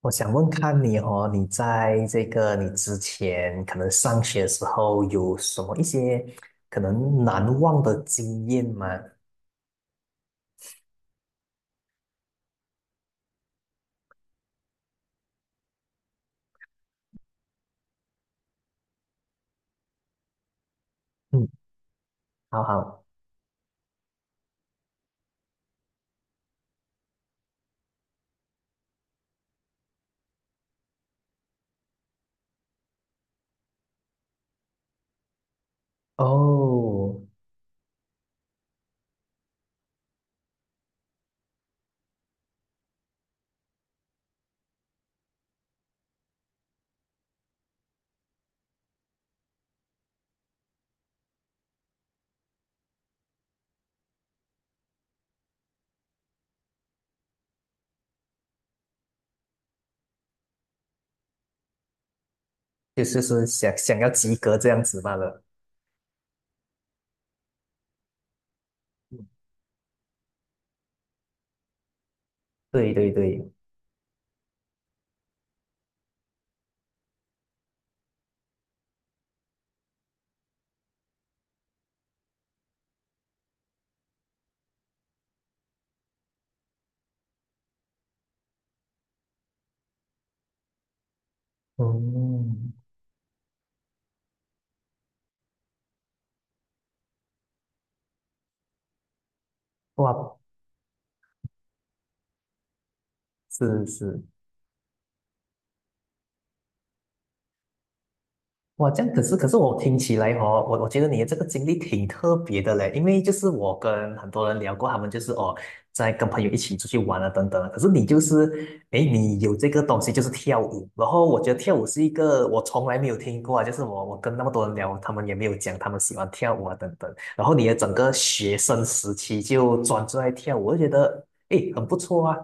我想问看你哦，你在这个你之前可能上学的时候有什么一些可能难忘的经验吗？嗯，好好哦，就是说想要及格这样子罢了。嗯，对对对。嗯。哇。是是。哇，这样。可是我听起来哦，我觉得你的这个经历挺特别的嘞，因为就是我跟很多人聊过，他们就是哦，在跟朋友一起出去玩啊等等啊，可是你就是，诶，你有这个东西就是跳舞，然后我觉得跳舞是一个我从来没有听过啊，就是我跟那么多人聊，他们也没有讲他们喜欢跳舞啊等等，然后你的整个学生时期就专注在跳舞，我就觉得诶很不错啊。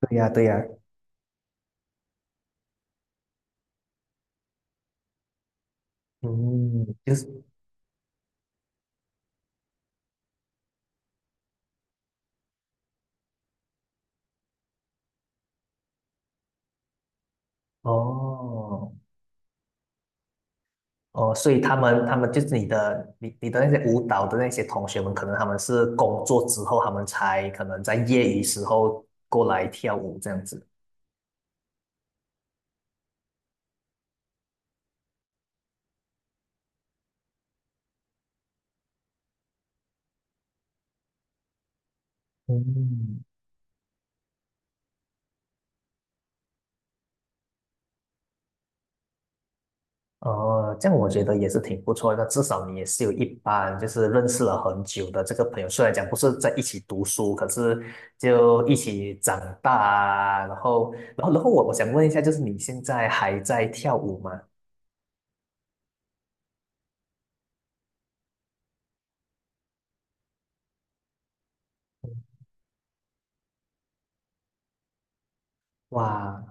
对呀，对呀。嗯，就是哦。哦，所以他们就是你的你的那些舞蹈的那些同学们，可能他们是工作之后，他们才可能在业余时候过来跳舞这样子。嗯。哦，这样我觉得也是挺不错的，至少你也是有一班就是认识了很久的这个朋友，虽然讲不是在一起读书，可是就一起长大啊。然后，然后，然后我想问一下，就是你现在还在跳舞吗？哇。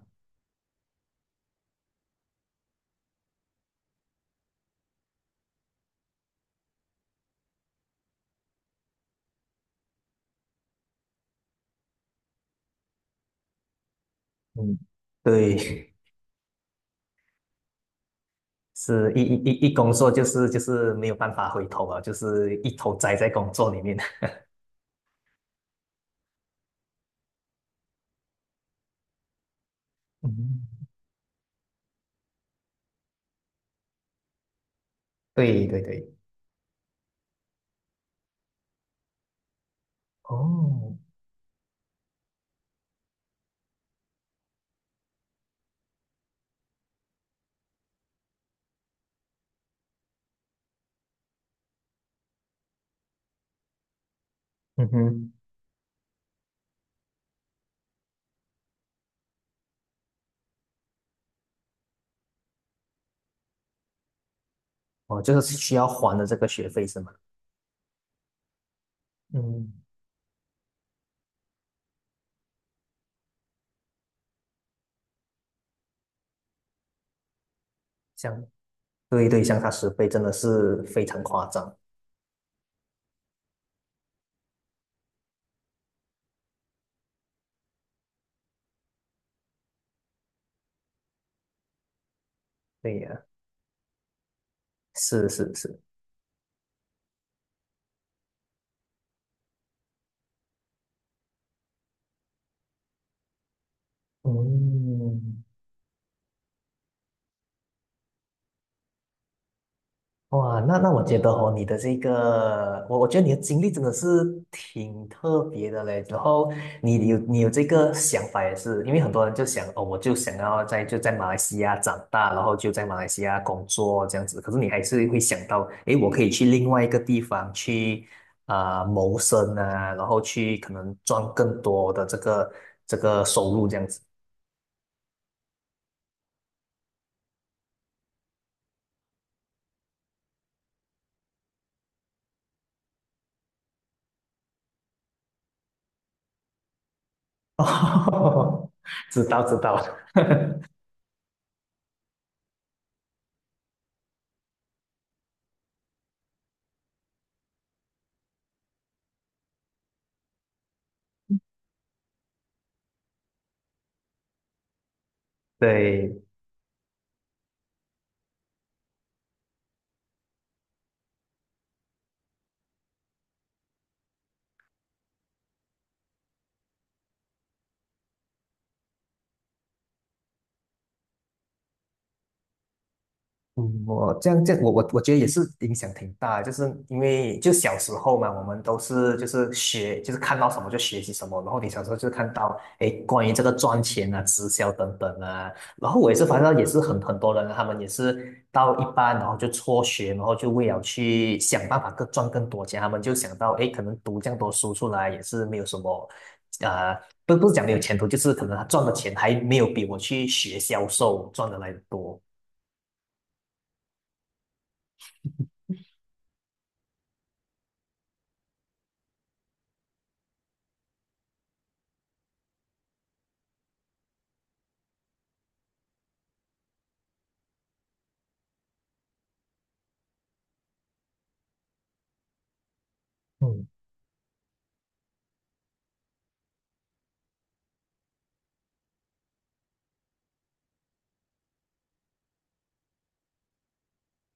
嗯。对，是一工作就是就是没有办法回头啊，就是一头栽在工作里面。嗯。对对对。哦。嗯哼。哦，就是需要还的这个学费是吗？嗯。像。对对，相差十倍真的是非常夸张。对呀。是是是。嗯。哇，那那我觉得哦，你的这个，我觉得你的经历真的是挺特别的嘞。然后你有这个想法也是，因为很多人就想哦，我就想要在就在马来西亚长大，然后就在马来西亚工作这样子。可是你还是会想到，诶，我可以去另外一个地方去啊、谋生啊，然后去可能赚更多的这个收入这样子。哦，知道知道。对。嗯，我这样这样，我觉得也是影响挺大的，就是因为就小时候嘛，我们都是就是学，就是看到什么就学习什么，然后你小时候就看到，哎，关于这个赚钱啊、直销等等啊，然后我也是发现到也是很多人啊，他们也是到一半，然后就辍学，然后就为了去想办法更赚更多钱，他们就想到，哎，可能读这样多书出来也是没有什么，呃，不是讲没有前途，就是可能他赚的钱还没有比我去学销售赚的来的多。嗯。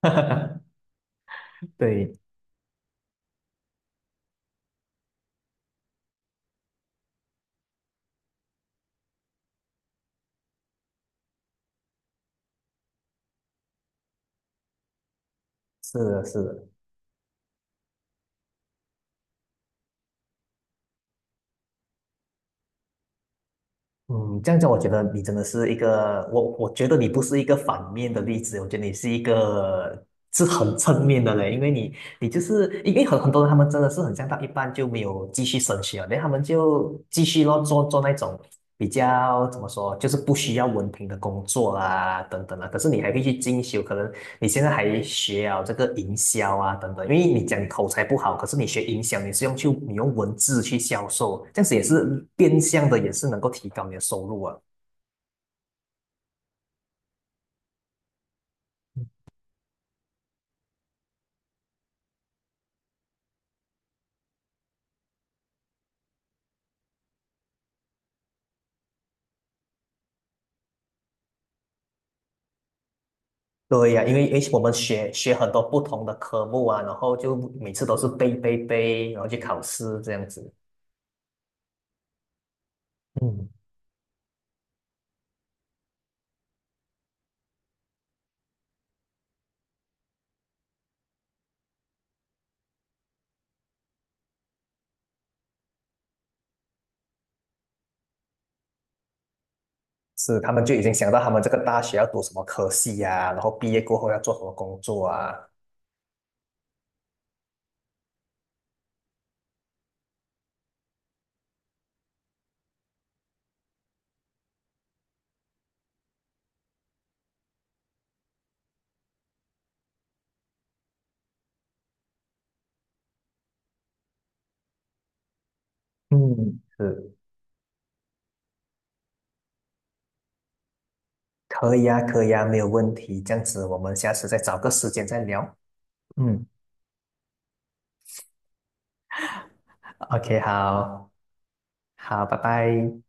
对。是的，是的。嗯，这样讲，我觉得你真的是一个，我觉得你不是一个反面的例子，我觉得你是一个是很正面的人，因为你你就是因为很多人他们真的是很像到一半就没有继续升学了，然后他们就继续咯做那种。比较怎么说，就是不需要文凭的工作啊，等等啊。可是你还可以去进修，可能你现在还学啊这个营销啊，等等啊。因为你讲你口才不好，可是你学营销，你是用去你用文字去销售，这样子也是变相的，也是能够提高你的收入啊。对呀、因为我们学很多不同的科目啊，然后就每次都是背，然后去考试这样子。嗯，是，他们就已经想到他们这个大学要读什么科系呀、然后毕业过后要做什么工作啊。嗯，是，可以啊，可以啊，没有问题。这样子，我们下次再找个时间再聊。嗯，OK，好，好，拜拜。